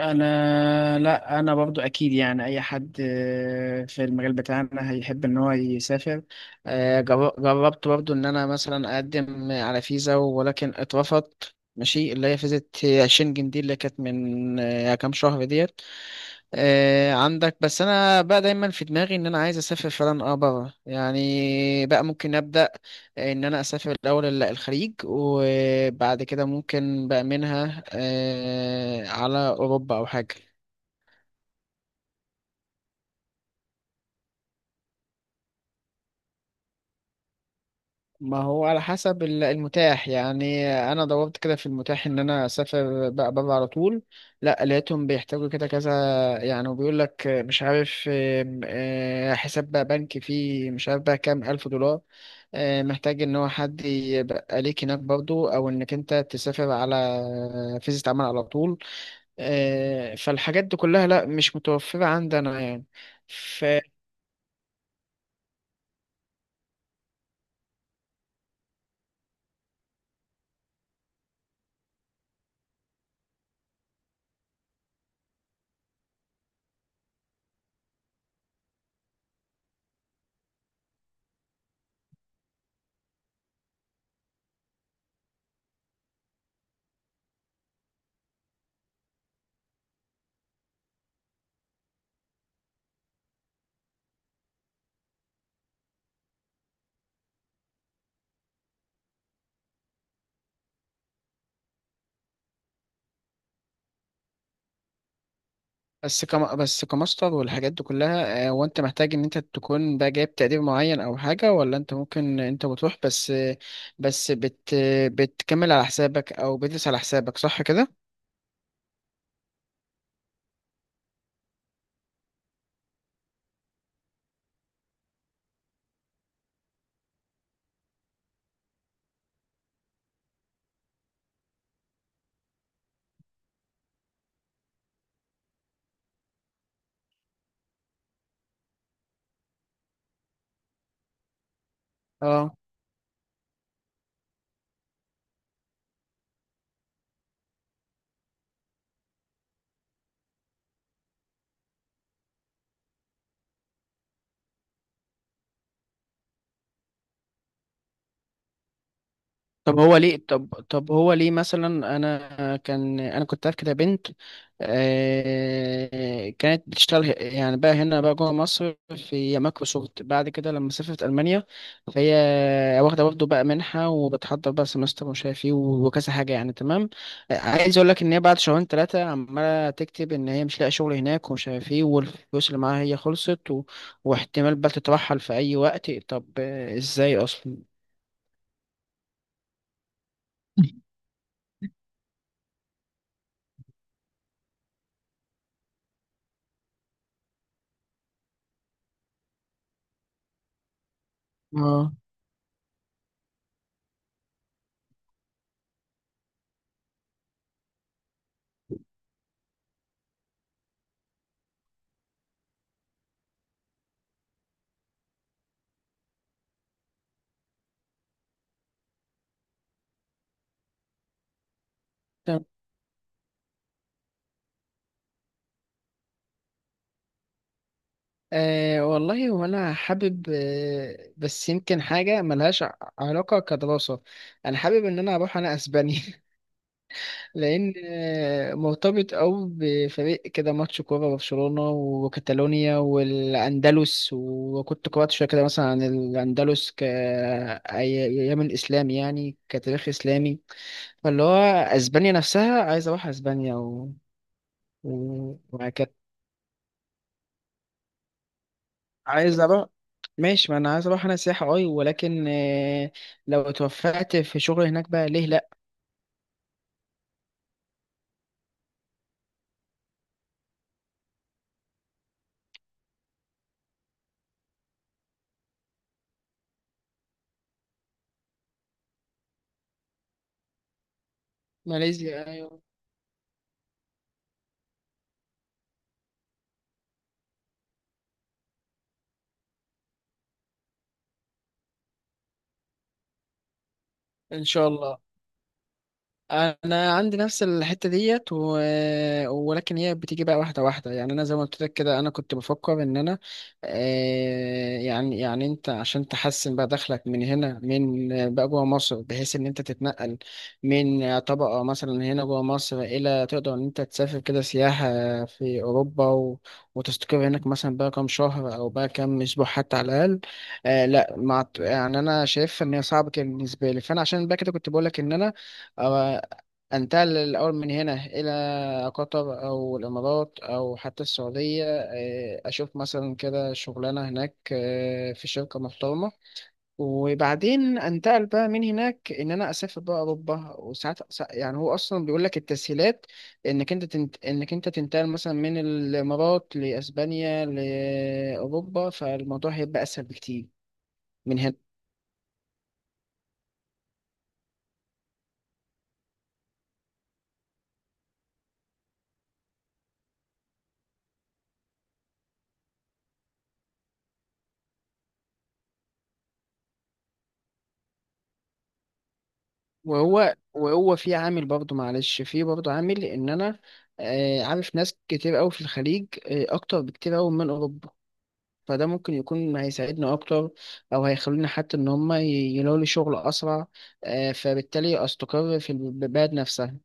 انا لا انا برضو اكيد، يعني اي حد، في المجال بتاعنا هيحب ان هو يسافر. جربت برضو ان انا مثلا اقدم على فيزا، ولكن اترفضت. ماشي، اللي هي فيزا شنجن دي اللي كانت من كام شهر ديت. عندك. بس انا بقى دايما في دماغي ان انا عايز اسافر فعلا بره، يعني بقى ممكن ابدا ان انا اسافر الاول الخليج، وبعد كده ممكن بقى منها على اوروبا او حاجه. ما هو على حسب المتاح، يعني انا دورت كده في المتاح ان انا اسافر بقى بره على طول. لا، لقيتهم بيحتاجوا كده كذا، يعني وبيقول لك مش عارف آم، آه، حساب بقى بنكي فيه، مش عارف بقى كام الف دولار. محتاج ان هو حد يبقى ليك هناك برضو، او انك انت تسافر على فيزا عمل على طول. فالحاجات دي كلها لا مش متوفرة عندنا يعني. بس كماستر والحاجات دي كلها، وانت محتاج ان انت تكون بقى جايب تقدير معين او حاجة؟ ولا انت ممكن انت بتروح بس بس بت بتكمل على حسابك او بتدرس على حسابك، صح كده؟ اه. طب هو ليه، طب هو ليه مثلا؟ انا كنت عارف كده بنت، كانت بتشتغل يعني بقى هنا بقى جوه مصر في مايكروسوفت. بعد كده لما سافرت المانيا، فهي واخده برضه بقى منحه، وبتحضر بقى سمستر ومش عارف ايه وكذا حاجه يعني. تمام، عايز اقول لك ان هي بعد شهرين ثلاثه عماله تكتب ان هي مش لاقي شغل هناك ومش عارف ايه، والفلوس اللي معاها هي خلصت، و... واحتمال بقى تترحل في اي وقت. طب ازاي اصلا؟ اه. والله وانا حابب. بس يمكن حاجه ملهاش علاقه كدراسه. انا حابب ان انا اروح انا اسبانيا لان مرتبط او بفريق كده، ماتش كوره، برشلونه وكاتالونيا والاندلس. وكنت قرات شويه كده مثلا عن الاندلس يمن اسلامي، يعني كتاريخ اسلامي، فاللي هو اسبانيا نفسها عايز اروح اسبانيا. و... وهكذا، عايز اروح. ماشي، ما انا عايز اروح انا سياحة اي، ولكن لو اتوفقت في شغل هناك بقى، ليه لا؟ ماليزيا، ايوه. ان شاء الله. انا عندي نفس الحته ديت، و... ولكن هي بتيجي بقى واحده واحده يعني. انا زي ما قلت لك كده، انا كنت بفكر ان انا يعني، انت عشان تحسن بقى دخلك من هنا، من بقى جوه مصر، بحيث ان انت تتنقل من طبقه مثلا هنا جوه مصر الى تقدر ان انت تسافر كده سياحه في اوروبا، و... وتستقر هناك مثلا بقى كام شهر او بقى كام اسبوع، حتى على الاقل. آه لا مع... يعني انا شايف ان هي صعبه كده بالنسبه لي، فانا عشان بقى كده كنت بقول لك ان انا آه، انتقل الأول من هنا إلى قطر أو الإمارات أو حتى السعودية. أشوف مثلا كده شغلانة هناك، في شركة محترمة، وبعدين أنتقل بقى من هناك إن أنا أسافر بقى أوروبا. وساعات يعني هو أصلا بيقول لك التسهيلات إنك أنت تنتقل مثلا من الإمارات لأسبانيا لأوروبا، فالموضوع هيبقى أسهل بكتير من هنا. وهو في برضه عامل ان انا عارف ناس كتير قوي في الخليج، اكتر بكتير قوي من اوروبا، فده ممكن يكون هيساعدنا اكتر، او هيخلونا حتى ان هم يلاقوا لي شغل اسرع، فبالتالي استقر في البلد نفسها.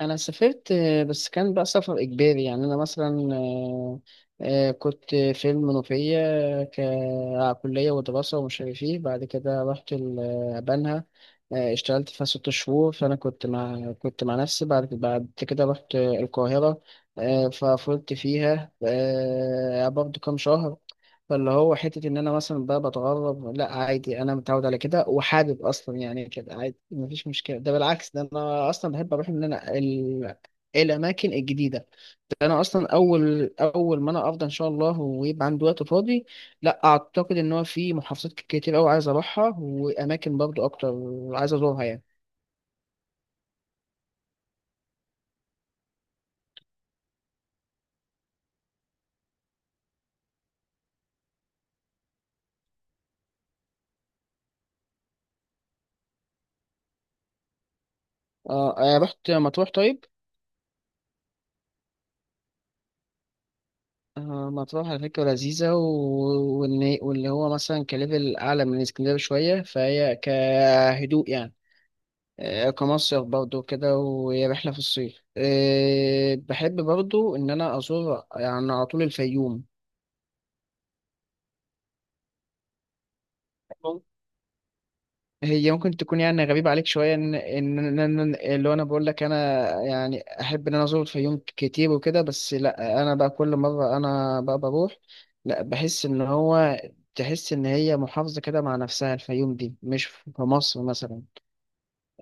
انا سافرت، بس كان بقى سفر اجباري. يعني انا مثلا كنت في المنوفيه ككليه ودراسه ومش عارف ايه. بعد كده رحت بنها، اشتغلت فيها 6 شهور، فانا كنت مع نفسي. بعد كده رحت القاهره، ففضلت فيها برضه كام شهر. فاللي هو حتة إن أنا مثلا بقى بتغرب، لا عادي، أنا متعود على كده وحابب أصلا يعني كده عادي مفيش مشكلة. ده بالعكس، ده أنا أصلا بحب أروح إن أنا الأماكن الجديدة. ده أنا أصلا أول أول ما أنا أفضى إن شاء الله ويبقى عندي وقت فاضي، لا أعتقد إن هو في محافظات كتير أوي عايز أروحها، وأماكن برضو أكتر عايز أزورها يعني. رحت مطروح، طيب. مطروح على فكرة لذيذة، واللي هو مثلا كليفل أعلى من اسكندرية شوية، فهي كهدوء يعني، كمصيف برضو كده. وهي رحلة في الصيف، بحب برضو إن أنا أزور يعني على طول الفيوم. هي ممكن تكون يعني غريبة عليك شوية، اللي هو أنا بقول لك أنا يعني أحب إن أنا أزور الفيوم كتير وكده. بس لأ، أنا بقى كل مرة أنا بقى بروح، لأ، بحس إن هو تحس إن هي محافظة كده مع نفسها، الفيوم دي مش في مصر مثلا.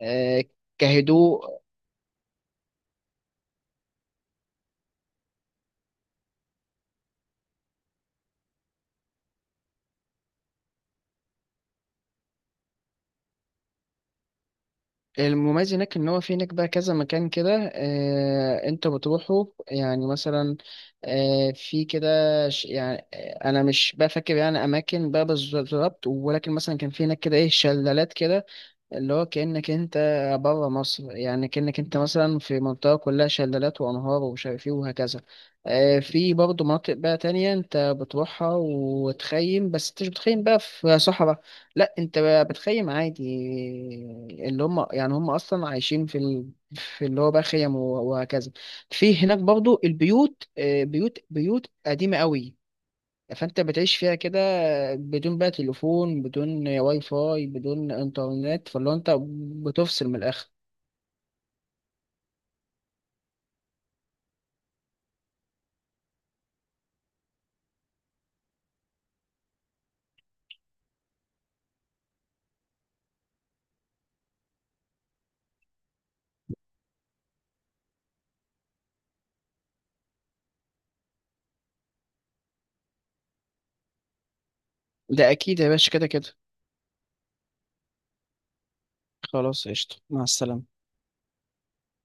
آه، كهدوء. المميز هناك ان هو في هناك بقى كذا مكان كده، انت بتروحه، يعني مثلا في كده. يعني انا مش بقى فاكر يعني اماكن بقى بالظبط، ولكن مثلا كان في هناك كده ايه شلالات كده، اللي هو كأنك انت بره مصر، يعني كأنك انت مثلا في منطقة كلها شلالات وأنهار ومش عارف ايه وهكذا. في برضه مناطق بقى تانية انت بتروحها وتخيم، بس انت مش بتخيم بقى في صحراء، لا انت بقى بتخيم عادي، اللي هم يعني هم أصلا عايشين في اللي هو بقى خيم وهكذا. في هناك برضه البيوت، بيوت قديمة قوي، فانت بتعيش فيها كده بدون بقى تليفون، بدون واي فاي، بدون انترنت، فاللي هو انت بتفصل من الاخر. ده اكيد يا باشا، كده كده. خلاص، قشطة. مع السلامة.